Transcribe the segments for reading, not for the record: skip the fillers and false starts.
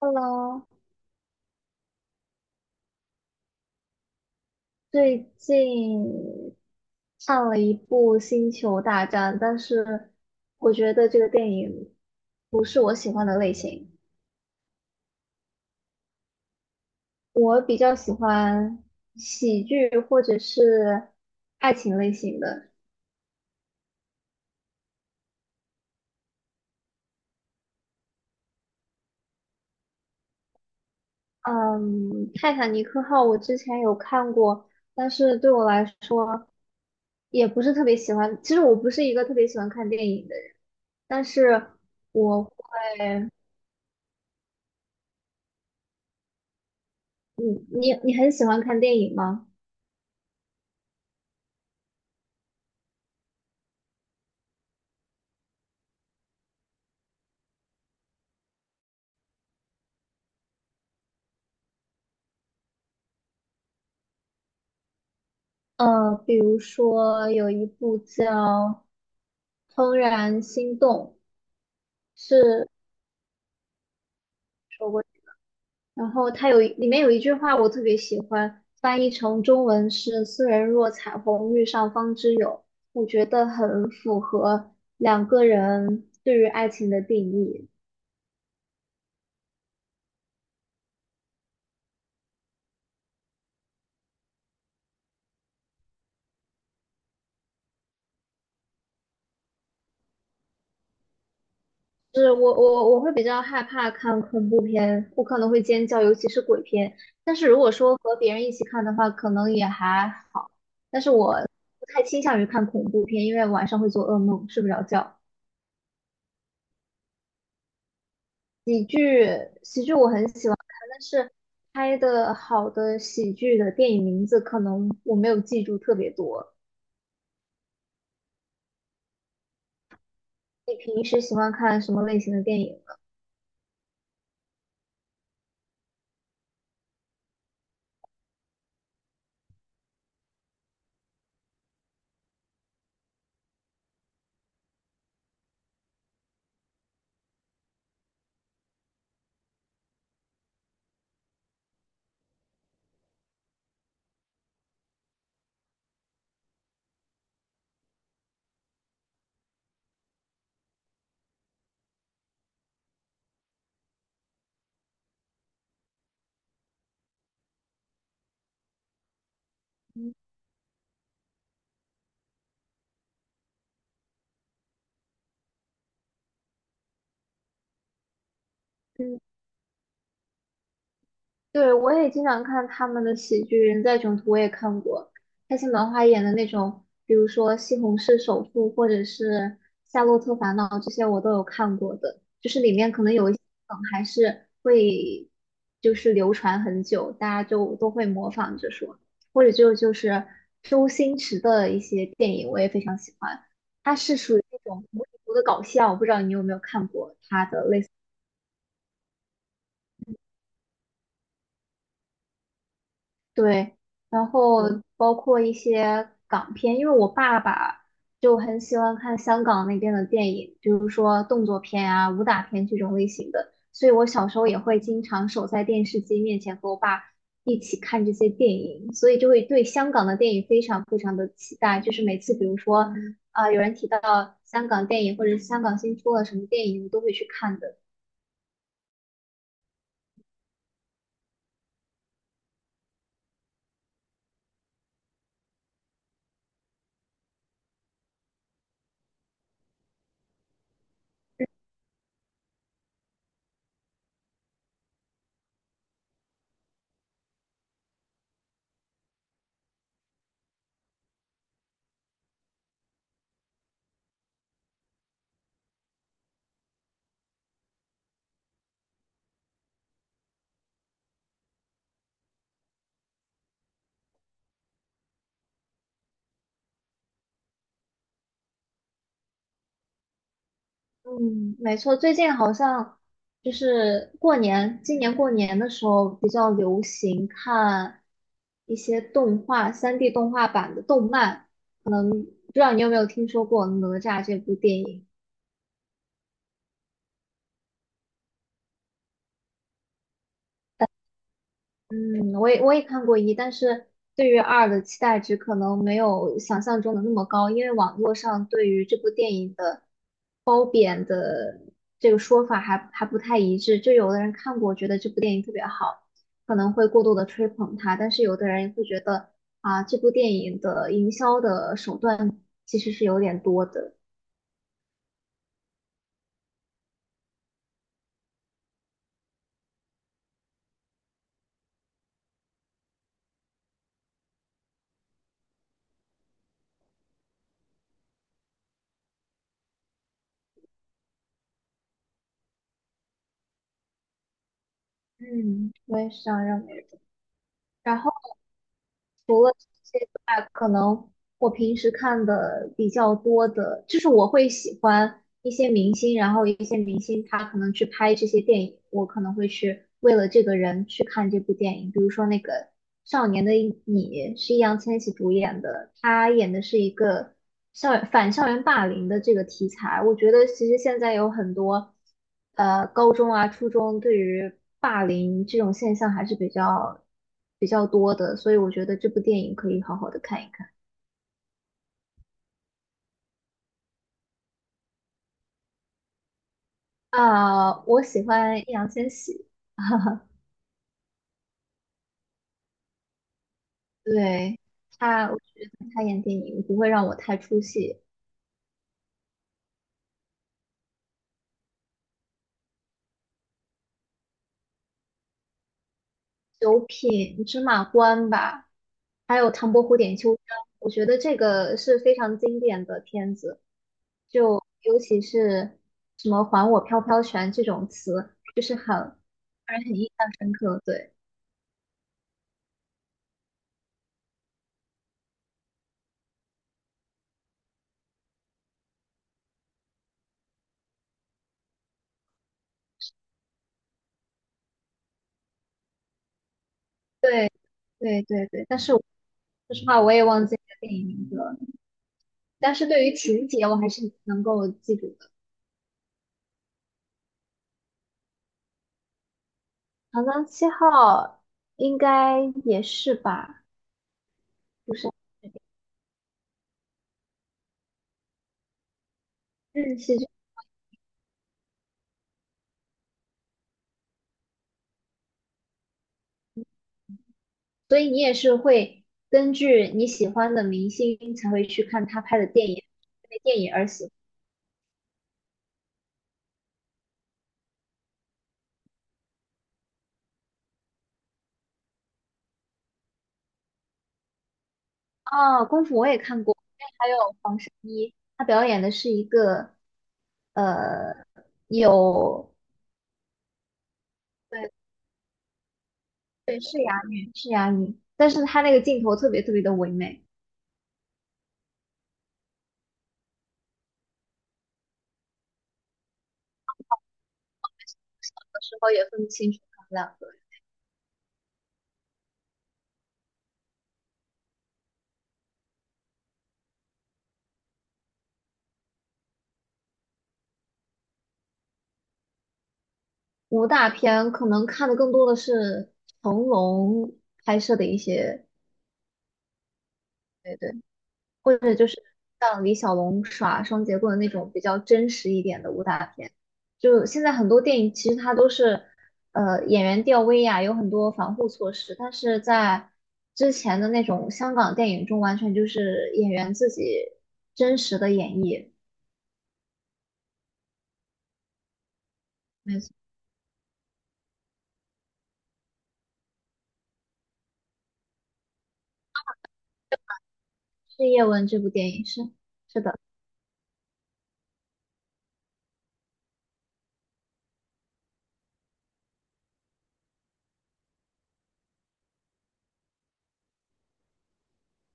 Hello，最近看了一部《星球大战》，但是我觉得这个电影不是我喜欢的类型。我比较喜欢喜剧或者是爱情类型的。嗯，《泰坦尼克号》我之前有看过，但是对我来说也不是特别喜欢。其实我不是一个特别喜欢看电影的人，但是我，你很喜欢看电影吗？比如说有一部叫《怦然心动》，说过，然后它里面有一句话我特别喜欢，翻译成中文是"斯人若彩虹，遇上方知有"，我觉得很符合两个人对于爱情的定义。是我会比较害怕看恐怖片，我可能会尖叫，尤其是鬼片。但是如果说和别人一起看的话，可能也还好。但是我不太倾向于看恐怖片，因为晚上会做噩梦，睡不着觉。但是拍的好的喜剧的电影名字，可能我没有记住特别多。你平时喜欢看什么类型的电影呢？嗯，对，我也经常看他们的喜剧，《人在囧途》我也看过，开心麻花演的那种，比如说《西红柿首富》或者是《夏洛特烦恼》这些，我都有看过的。就是里面可能有一些梗还是会就是流传很久，大家就都会模仿着说，或者就是周星驰的一些电影，我也非常喜欢。他是属于那种无厘头的搞笑，我不知道你有没有看过他的类似。对，然后包括一些港片，因为我爸爸就很喜欢看香港那边的电影，比如说动作片啊、武打片这种类型的，所以我小时候也会经常守在电视机面前和我爸一起看这些电影，所以就会对香港的电影非常非常的期待。就是每次比如说有人提到香港电影或者是香港新出了什么电影，我都会去看的。嗯，没错，最近好像就是过年，今年过年的时候比较流行看一些动画3D 动画版的动漫，可能不知道你有没有听说过《哪吒》这部电影。嗯，我也看过一，但是对于二的期待值可能没有想象中的那么高，因为网络上对于这部电影的褒贬的这个说法还不太一致。就有的人看过，觉得这部电影特别好，可能会过度的吹捧它，但是有的人会觉得啊，这部电影的营销的手段其实是有点多的。嗯，我也是这样认为的。然后。除了这些之外，可能我平时看的比较多的，就是我会喜欢，一些明星，然后一些明星他可能去拍这些电影，我可能会去为了这个人去看这部电影。比如说那个《少年的你》是易烊千玺主演的，他演的是一个校园霸凌的这个题材。我觉得其实现在有很多高中啊、初中对于霸凌这种现象还是比较多的，所以我觉得这部电影可以好好的看一看。啊、我喜欢易烊千玺，对，我觉得他演电影不会让我太出戏。九品芝麻官吧，还有唐伯虎点秋香，我觉得这个是非常经典的片子。就尤其是什么"还我飘飘拳"这种词，就是很让人很印象深刻。对，对，对，对，对。但是我说实话，我也忘记这个电影名字了。但是对于情节，我还是能够记住的。《长江七号》应该也是吧？就是。嗯，是所以你也是会根据你喜欢的明星才会去看他拍的电影，因为电影而喜欢。哦，功夫我也看过，还有黄圣依，她表演的是一个有，对对，是哑女，是哑女，但是她那个镜头特别特别的唯美，有时候也分不清楚他们两个人。武打片可能看的更多的是成龙拍摄的一些。对对。或者就是像李小龙耍双截棍的那种比较真实一点的武打片。就现在很多电影其实它都是，演员吊威亚，有很多防护措施，但是在之前的那种香港电影中，完全就是演员自己真实的演绎。没错，是叶问这部电影是的，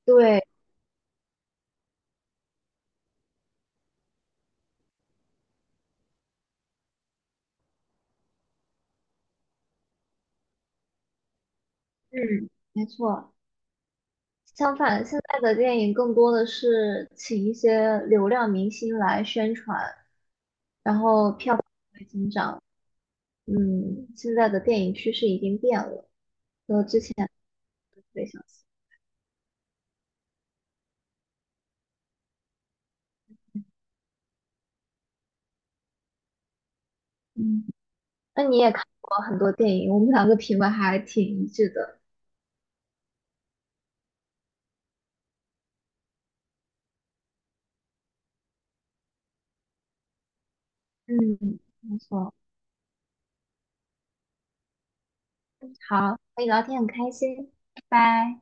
对，嗯，没错。相反，现在的电影更多的是请一些流量明星来宣传，然后票房会增长。嗯，现在的电影趋势已经变了，和之前不太相似。嗯，那你也看过很多电影，我们两个品味还挺一致的。嗯，没错。好，和你聊天很开心，拜拜。